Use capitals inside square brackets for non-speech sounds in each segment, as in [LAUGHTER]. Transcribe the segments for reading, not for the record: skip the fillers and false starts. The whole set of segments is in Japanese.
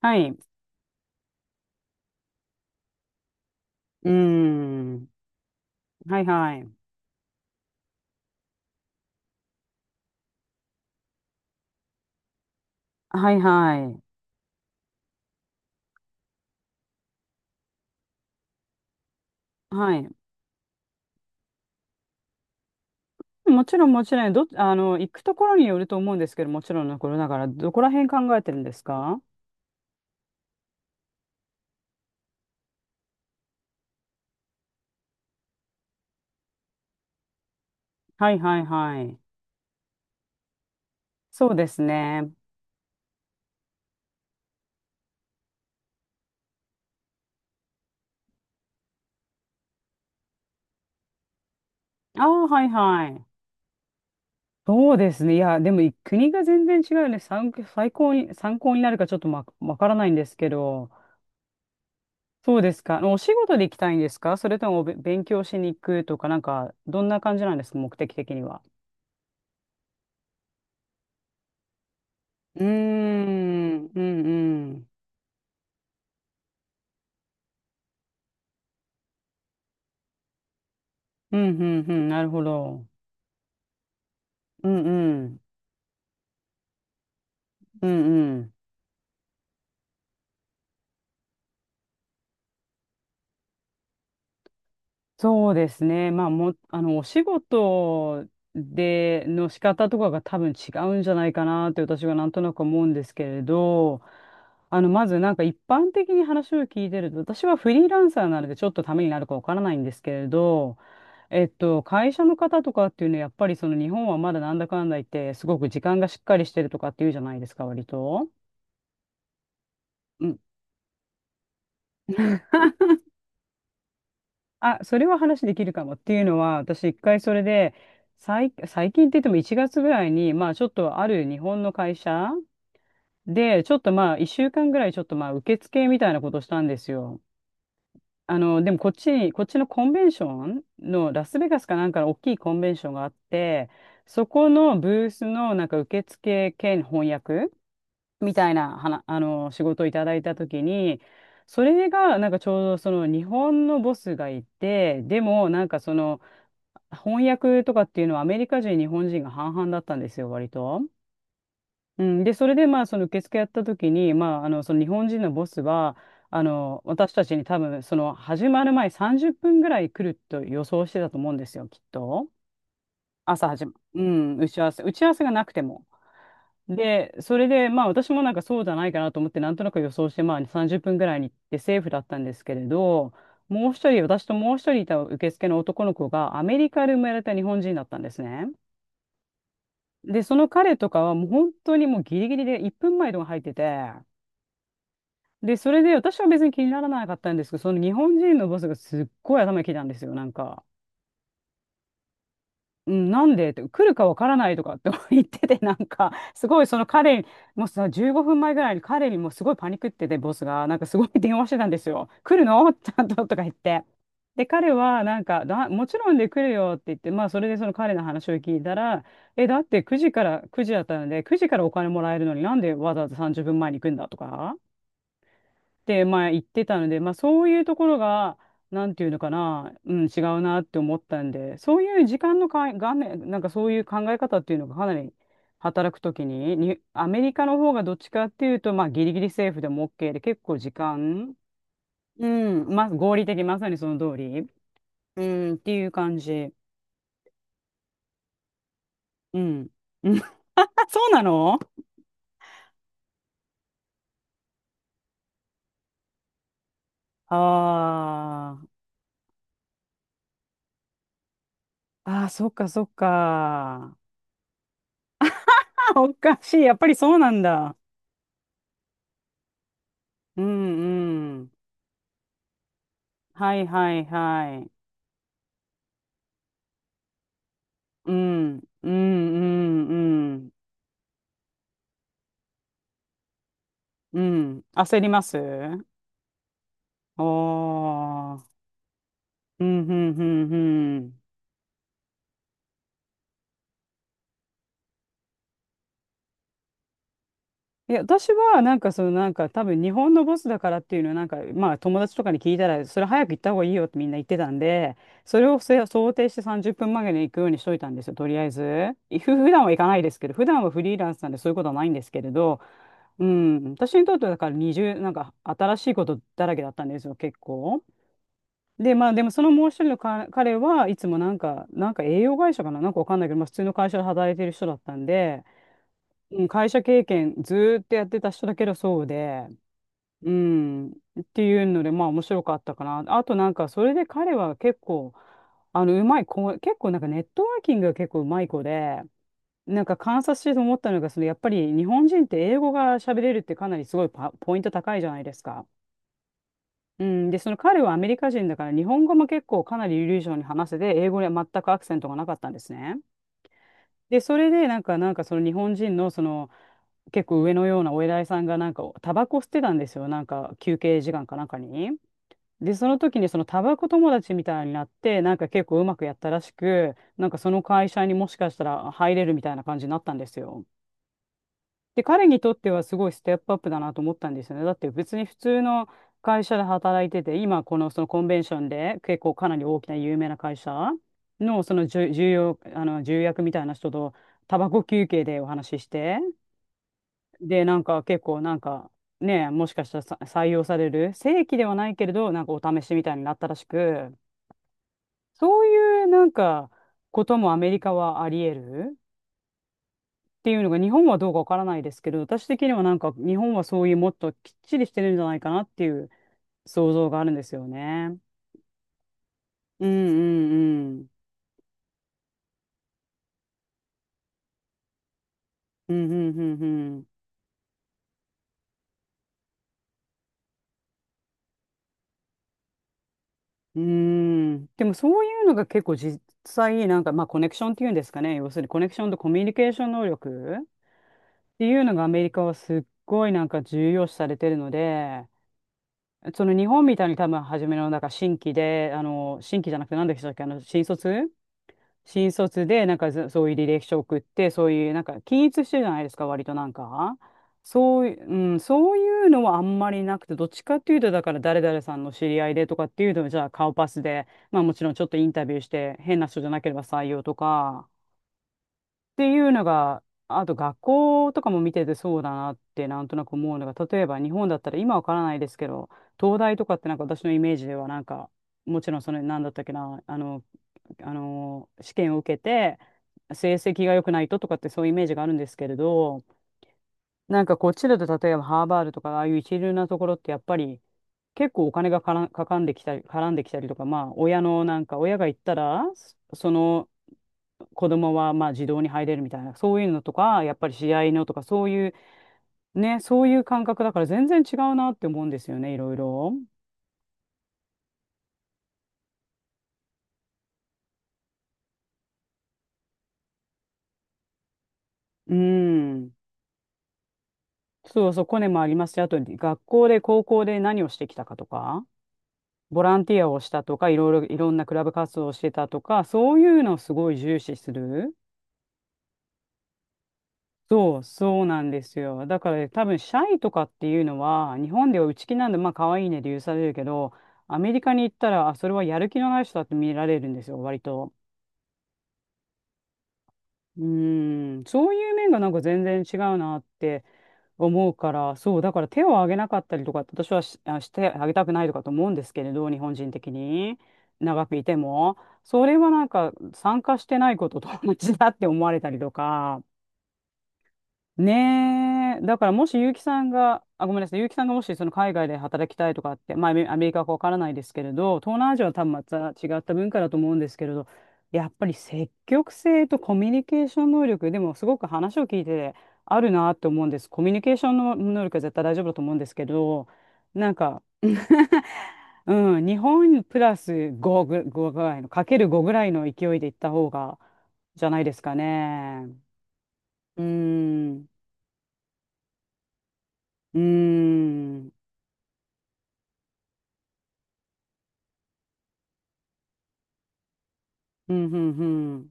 はい。うーん。はいはい。はいはい。はい。もちろんもちろん、どっ、あの、行くところによると思うんですけど、もちろんのことだから、どこら辺考えてるんですか？はいはいはい。そうですね。ああ、はいはい。そうですね。いや、でも国が全然違うよね。参考になるかちょっとわからないんですけど、そうですか？お仕事で行きたいんですか？それとも勉強しに行くとか、なんか、どんな感じなんですか、目的的には？うーん、うん、うんうん、うん、うん、なるほど。うん、うん、うん、うん。そうですね。まあ、も、あの、お仕事での仕方とかが多分違うんじゃないかなって私はなんとなく思うんですけれど、まずなんか一般的に話を聞いてると、私はフリーランサーなのでちょっとためになるかわからないんですけれど、会社の方とかっていうのはやっぱりその日本はまだなんだかんだ言って、すごく時間がしっかりしてるとかっていうじゃないですか、割と。うん。あ、それは話できるかもっていうのは、私一回それで、最近って言っても1月ぐらいに、まあちょっとある日本の会社で、ちょっとまあ1週間ぐらいちょっとまあ受付みたいなことしたんですよ。でもこっちのコンベンションのラスベガスかなんかの大きいコンベンションがあって、そこのブースのなんか受付兼翻訳みたいな、はな、あの、仕事をいただいたときに、それが、なんかちょうどその日本のボスがいて、でも、なんか翻訳とかっていうのはアメリカ人、日本人が半々だったんですよ、割と。うん、で、それでまあ、その受付やったときに、まあ、その日本人のボスは、私たちに多分、その始まる前30分ぐらい来ると予想してたと思うんですよ、きっと。朝始まうん。打ち合わせ。打ち合わせがなくても。で、それで、まあ私もなんかそうじゃないかなと思って、なんとなく予想して、まあ30分ぐらいに行ってセーフだったんですけれど、もう一人、私ともう一人いた受付の男の子がアメリカで生まれた日本人だったんですね。で、その彼とかはもう本当にもうギリギリで1分前とか入ってて、で、それで私は別に気にならなかったんですけど、その日本人のボスがすっごい頭にきたんですよ、なんか。うん、なんでって来るかわからないとかって [LAUGHS] 言ってて、なんかすごいその彼に、もうさ15分前ぐらいに彼にもうすごいパニックってて、ボスがなんかすごい電話してたんですよ、来るのちゃんととか言って。で、彼はなんかだもちろんで来るよって言って、まあそれでその彼の話を聞いたら、え、だって9時から9時だったので9時からお金もらえるのになんでわざわざ30分前に行くんだとかまあ言ってたので、まあそういうところが、なんていうのかな、うん、違うなって思ったんで、そういう時間のかい、画面、なんかそういう考え方っていうのがかなり働くときに、アメリカの方がどっちかっていうと、まあギリギリセーフでも OK で、結構時間、うん、まあ合理的、まさにその通り、うん、っていう感じ。うん。うん。 [LAUGHS] そうなの？あーあー、そっかそっか。[LAUGHS] おかしい。やっぱりそうなんだ。うんうん。はいはいはい。うん、うん、うん、うん、うん。焦ります。おー。うん、うん、うん、うん。いや、私は、なんか、その、なんか、多分、日本のボスだからっていうのは、なんか、まあ、友達とかに聞いたら、それ早く行った方がいいよってみんな言ってたんで、それを想定して30分前に行くようにしといたんですよ、とりあえず。普段は行かないですけど、普段はフリーランスなんでそういうことはないんですけれど、うん、私にとってはだから20、なんか新しいことだらけだったんですよ、結構。で、まあでもそのもう一人の彼はいつもなんか栄養会社かな、なんかわかんないけど、まあ普通の会社で働いてる人だったんで、うん、会社経験ずーっとやってた人だけどそうで、うん、っていうので、まあ面白かったかな。あとなんか、それで彼は結構、うまい子、結構なんかネットワーキングが結構うまい子で、なんか観察してて思ったのが、そのやっぱり日本人って英語が喋れるってかなりすごいポイント高いじゃないですか。うん、で、その彼はアメリカ人だから、日本語も結構かなり流暢に話せて、英語には全くアクセントがなかったんですね。で、それで、なんかその日本人の、結構上のようなお偉いさんが、なんか、タバコ吸ってたんですよ。なんか、休憩時間かなんかに。で、その時に、そのタバコ友達みたいになって、なんか結構うまくやったらしく、なんかその会社にもしかしたら入れるみたいな感じになったんですよ。で、彼にとってはすごいステップアップだなと思ったんですよね。だって別に普通の会社で働いてて、今このそのコンベンションで結構かなり大きな有名な会社のその重重要、あの重役みたいな人とタバコ休憩でお話しして、で、なんか結構なんかね、もしかしたらさ採用される、正規ではないけれど、なんかお試しみたいになったらしく、そういうなんかこともアメリカはあり得る。っていうのが日本はどうかわからないですけど、私的にはなんか日本はそういうもっときっちりしてるんじゃないかなっていう想像があるんですよね。うんうんうん。うんうんうんうん。うーん。でもそういうのが結構実際なんかまあコネクションっていうんですかね。要するにコネクションとコミュニケーション能力っていうのがアメリカはすっごいなんか重要視されてるので、その日本みたいに多分初めのなんか新規で、新規じゃなくて何でしたっけ、新卒で、なんかそういう履歴書送って、そういう、なんか均一してるじゃないですか、割となんか。そういう、そういうのはあんまりなくて、どっちかっていうと、だから誰々さんの知り合いでとかっていうのはじゃあ顔パスで、まあもちろんちょっとインタビューして、変な人じゃなければ採用とかっていうのが、あと学校とかも見ててそうだなってなんとなく思うのが、例えば日本だったら今わからないですけど、東大とかって私のイメージではもちろんその、なんだったっけな、あの、あの、試験を受けて、成績が良くないととかってそういうイメージがあるんですけれど、こっちだと例えばハーバードとかああいう一流なところってやっぱり結構お金がからかかんできたり、絡んできたりとか、まあ親のなんか親が行ったら、その子供はまあ児童に入れるみたいな、そういうのとか、やっぱり試合のとか、そういうね、そういう感覚だから全然違うなって思うんですよね、いろいろ。うん。そうそう、コネもありますし、あと学校で、高校で何をしてきたかとか。ボランティアをしたとか、いろいろ、いろんなクラブ活動をしてたとか、そういうのをすごい重視する。そう、そうなんですよ。だから多分、シャイとかっていうのは、日本では内気なんで、まあ、可愛いねで許されるけど、アメリカに行ったら、あ、それはやる気のない人だって見られるんですよ、割と。うーん、そういう面が全然違うなって思うから、そう、だから手を挙げなかったりとか私はし、あ、してあげたくないとかと思うんですけれど、日本人的に、長くいても、それは参加してないことと同じだって思われたりとか、ねえ。だからもし結城さんが、あ、ごめんなさい。結城さんがもしその海外で働きたいとかって、まあアメリカかわからないですけれど、東南アジアは多分また違った文化だと思うんですけれど、やっぱり積極性とコミュニケーション能力、でもすごく話を聞いてあるなって思うんです。コミュニケーションの能力は絶対大丈夫だと思うんですけど、なんか [LAUGHS] うん、日本プラス5ぐらいの、かける5ぐらいの勢いでいった方が、じゃないですかね。うん。うーん。うん、うん、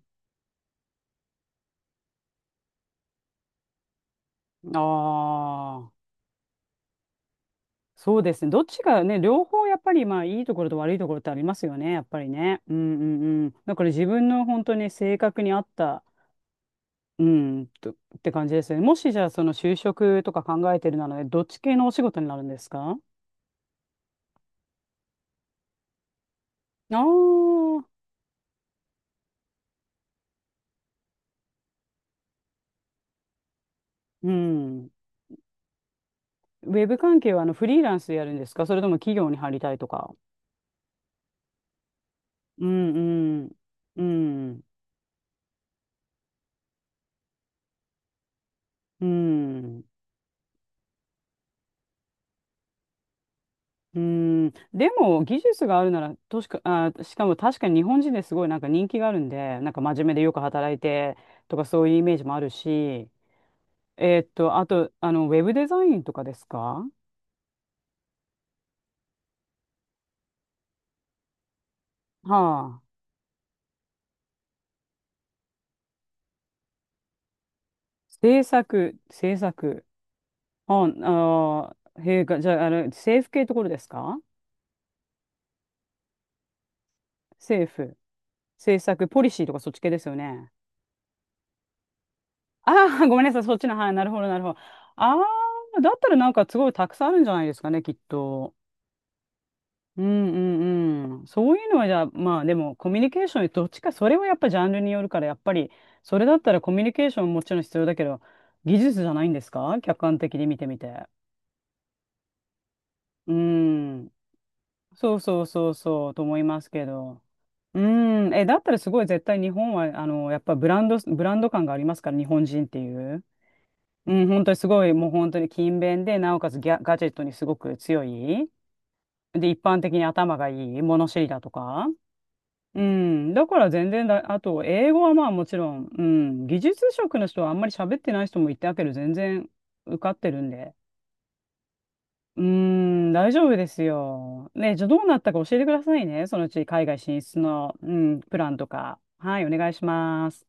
うん。ああ、そうですね。どっちがね、両方やっぱり、まあ、いいところと悪いところってありますよね、やっぱりね。うん、うん、うん。だから自分の本当に性格に合った、って感じですよね。もしじゃあ、その就職とか考えてるならね、どっち系のお仕事になるんですか？ああー、うん。ウェブ関係はあのフリーランスでやるんですか？それとも企業に入りたいとか。うん、うん、うん、うん。うーん、でも技術があるなら、としか、あしかも確かに日本人ですごい人気があるんで、真面目でよく働いてとかそういうイメージもあるし、えーっと、あと、あの、ウェブデザインとかですか？はあ。制作、制作。あ、あーへえ、がじゃあ、あれ、政府系ところですか？政府、政策、ポリシーとかそっち系ですよね。ああ、[LAUGHS] ごめんなさい、そっちの、はい、なるほど、なるほど。ああ、だったらなんかすごいたくさんあるんじゃないですかね、きっと。うんうんうん。そういうのはじゃあ、まあでもコミュニケーション、どっちか、それはやっぱジャンルによるから、やっぱり、それだったらコミュニケーションもちろん必要だけど、技術じゃないんですか、客観的に見てみて。うん。そうそうそうそう、と思いますけど。うん。え、だったらすごい絶対日本は、あの、やっぱブランド感がありますから、日本人っていう。うん、本当にすごい、もう本当に勤勉で、なおかつガジェットにすごく強い。で、一般的に頭がいい、物知りだとか。うん、だから全然だ、あと、英語はまあもちろん、うん、技術職の人はあんまり喋ってない人もいたけど、全然受かってるんで。うーん、大丈夫ですよ。ね、じゃあどうなったか教えてくださいね。そのうち海外進出の、うん、プランとか。はい、お願いします。